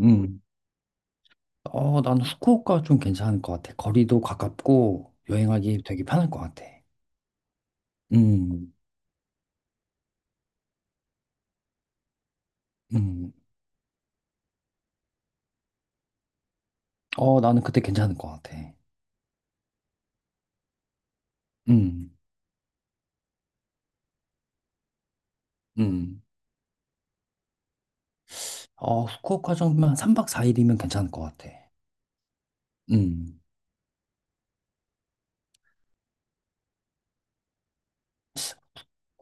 음. 어, 난 후쿠오카 좀 괜찮을 것 같아. 거리도 가깝고 여행하기 되게 편할 것 같아. 음, 음. 어, 나는 그때 괜찮을 것 같아. 음, 음. 어, 후쿠오카 정도면 3박 4일이면 괜찮을 것 같아. 음.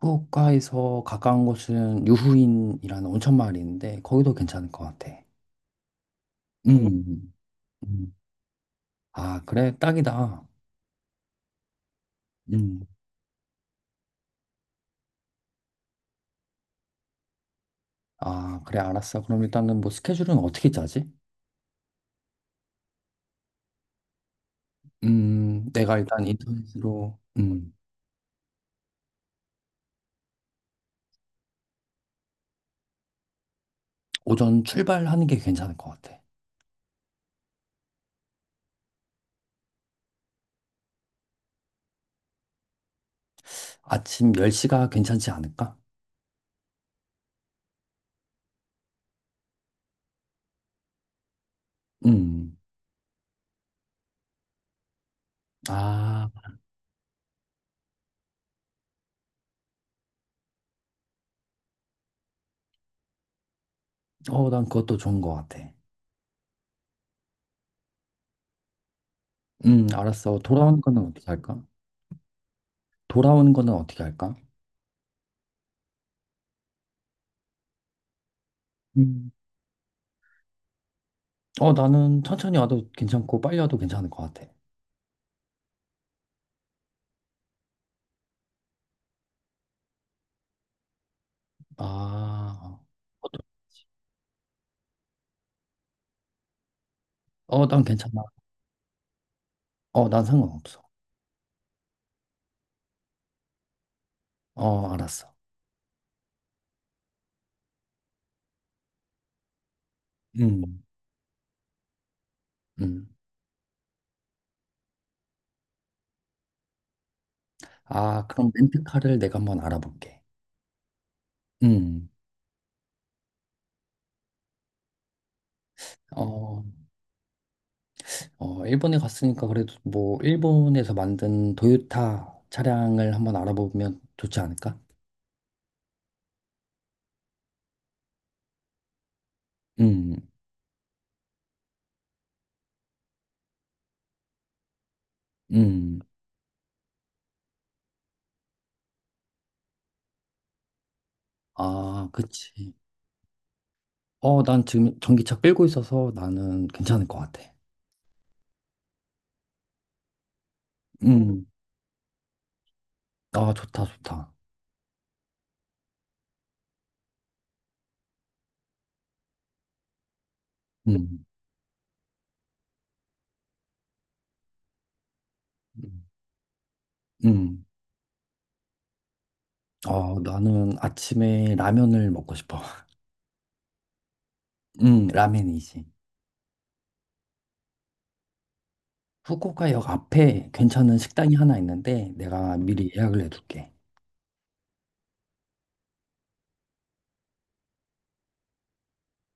후쿠오카에서 가까운 곳은 유후인이라는 온천 마을이 있는데 거기도 괜찮을 것 같아. 음, 음. 아, 그래, 딱이다. 음. 아, 그래, 알았어. 그럼 일단은 뭐 스케줄은 어떻게 짜지? 내가 일단 인터넷으로, 오전 출발하는 게 괜찮을 것 같아. 아침 10시가 괜찮지 않을까? 음. 아, 어, 난 그것도 좋은 것 같아. 알았어. 돌아오는 거는 어떻게 할까? 돌아오는 거는 어떻게 할까? 음. 어, 나는 천천히 와도 괜찮고 빨리 와도 괜찮을 것 같아. 아, 어, 난 괜찮아. 어, 난 상관없어. 어, 알았어. 음, 음. 아, 그럼 렌트카를 내가 한번 알아볼게. 음, 어. 어, 일본에 갔으니까 그래도 뭐 일본에서 만든 도요타 차량을 한번 알아보면 좋지 않을까? 음, 음. 아, 그치. 어, 난 지금 전기차 끌고 있어서 나는 괜찮을 것 같아. 음, 아, 좋다, 좋다. 음, 음. 어, 나는 아침에 라면을 먹고 싶어. 라멘이지. 후쿠오카역 앞에 괜찮은 식당이 하나 있는데 내가 미리 예약을 해둘게.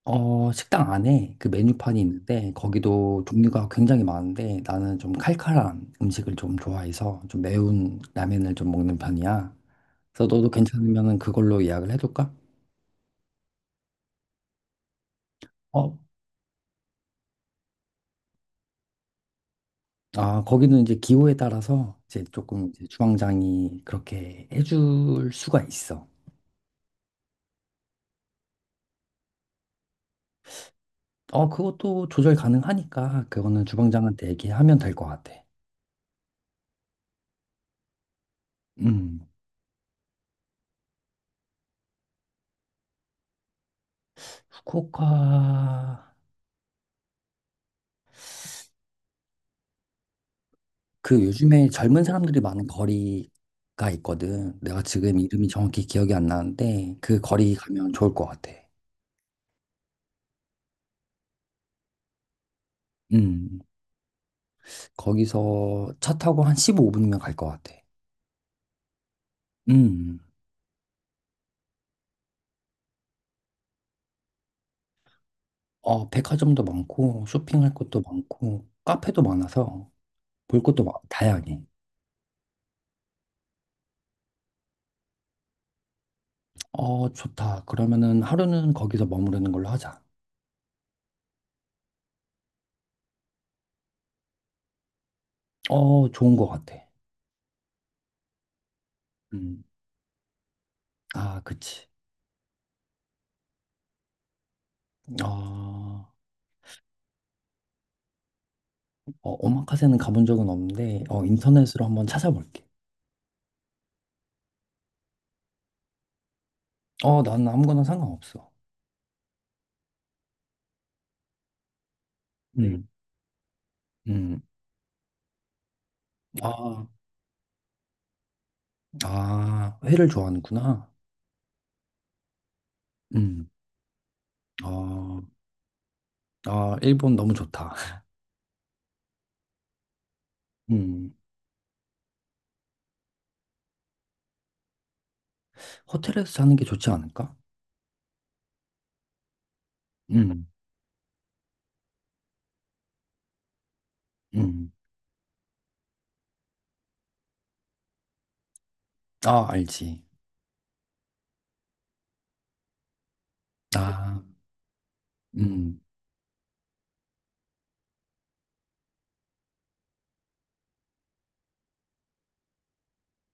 어, 식당 안에 그 메뉴판이 있는데 거기도 종류가 굉장히 많은데 나는 좀 칼칼한 음식을 좀 좋아해서 좀 매운 라면을 좀 먹는 편이야. 그래서 너도 괜찮으면 그걸로 예약을 해둘까? 어, 아, 거기는 이제 기호에 따라서 이제 조금 이제 주방장이 그렇게 해줄 수가 있어. 어, 그것도 조절 가능하니까 그거는 주방장한테 얘기하면 될 것 같아. 음, 후쿠오카 그 요즘에 젊은 사람들이 많은 거리가 있거든. 내가 지금 이름이 정확히 기억이 안 나는데 그 거리 가면 좋을 것 같아. 음. 거기서 차 타고 한 15분이면 갈 것 같아. 음. 어, 백화점도 많고 쇼핑할 것도 많고 카페도 많아서 볼 것도 다양해. 어, 좋다. 그러면은 하루는 거기서 머무르는 걸로 하자. 어, 좋은 것 같아. 음. 아, 그치. 어, 어, 오마카세는 가본 적은 없는데, 어, 인터넷으로 한번 찾아볼게. 어, 난 아무거나 상관없어. 음. 음, 음. 아, 아, 회를 좋아하는구나. 음, 아, 아, 일본 너무 좋다. 음, 호텔에서 자는 게 좋지 않을까? 음, 음. 아, 알지. 아, 음.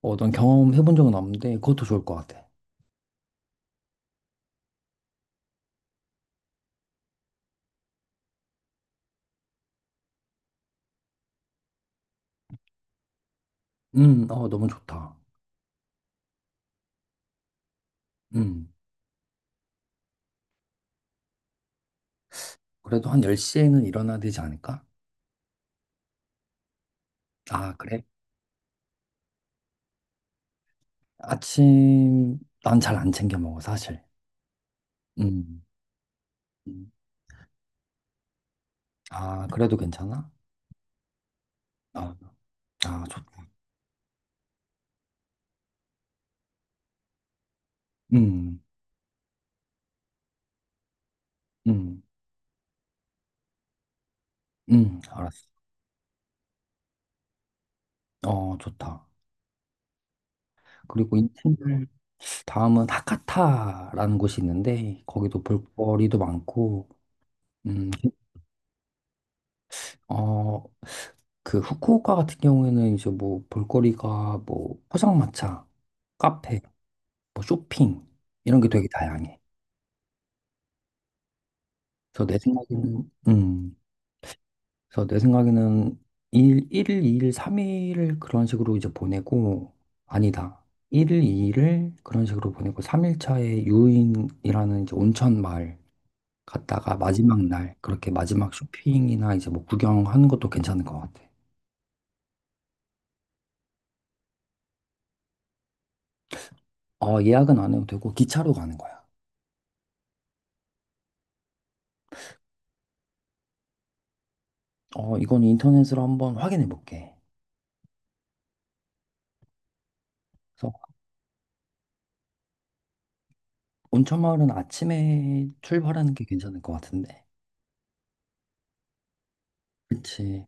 어, 난 경험해본 적은 없는데 그것도 좋을 것 같아. 어, 너무 좋다. 음. 그래도 한 10시에는 일어나야 되지 않을까? 아, 그래? 아침, 난 잘 안 챙겨 먹어, 사실. 음. 음. 아, 그래도 괜찮아? 아, 아, 좋다. 음, 음, 알았어. 어, 좋다. 그리고 인천을 다음은 하카타라는 곳이 있는데 거기도 볼거리도 많고, 음, 어, 그 후쿠오카 같은 경우에는 이제 뭐 볼거리가 뭐 포장마차, 카페, 뭐 쇼핑 이런 게 되게 다양해. 그래서 내 생각에는, 음, 그래서 내 생각에는 1, 일 2일, 3일을 그런 식으로 이제 보내고, 아니다. 1일, 2일을 그런 식으로 보내고, 3일 차에 유인이라는 이제 온천 마을 갔다가 마지막 날, 그렇게 마지막 쇼핑이나 이제 뭐 구경하는 것도 괜찮은 것 같아. 어, 예약은 안 해도 되고, 기차로 가는 거야. 어, 이건 인터넷으로 한번 확인해 볼게. 그래서 온천 마을은 아침에 출발하는 게 괜찮을 것 같은데. 그치.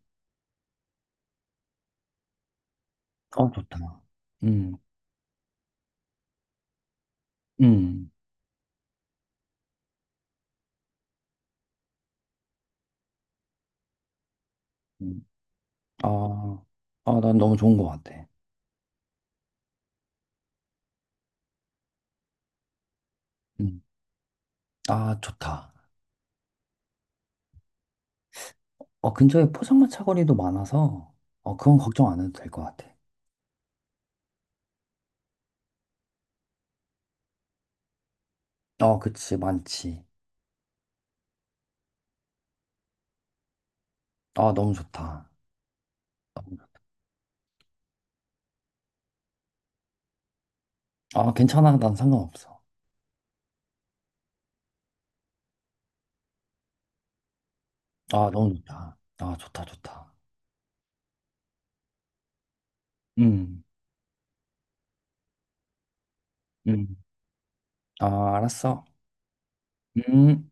어, 좋다. 음, 음. 음. 아, 아, 난 너무 좋은 것 같아. 음. 아, 좋다. 어, 근처에 포장마차 거리도 많아서, 어, 그건 걱정 안 해도 될 것 같아. 어, 그치, 많지. 아, 너무 좋다. 아, 괜찮아. 난 상관없어. 아, 너무 좋다. 아, 좋다, 좋다. 음, 음. 아, 알았어. 음.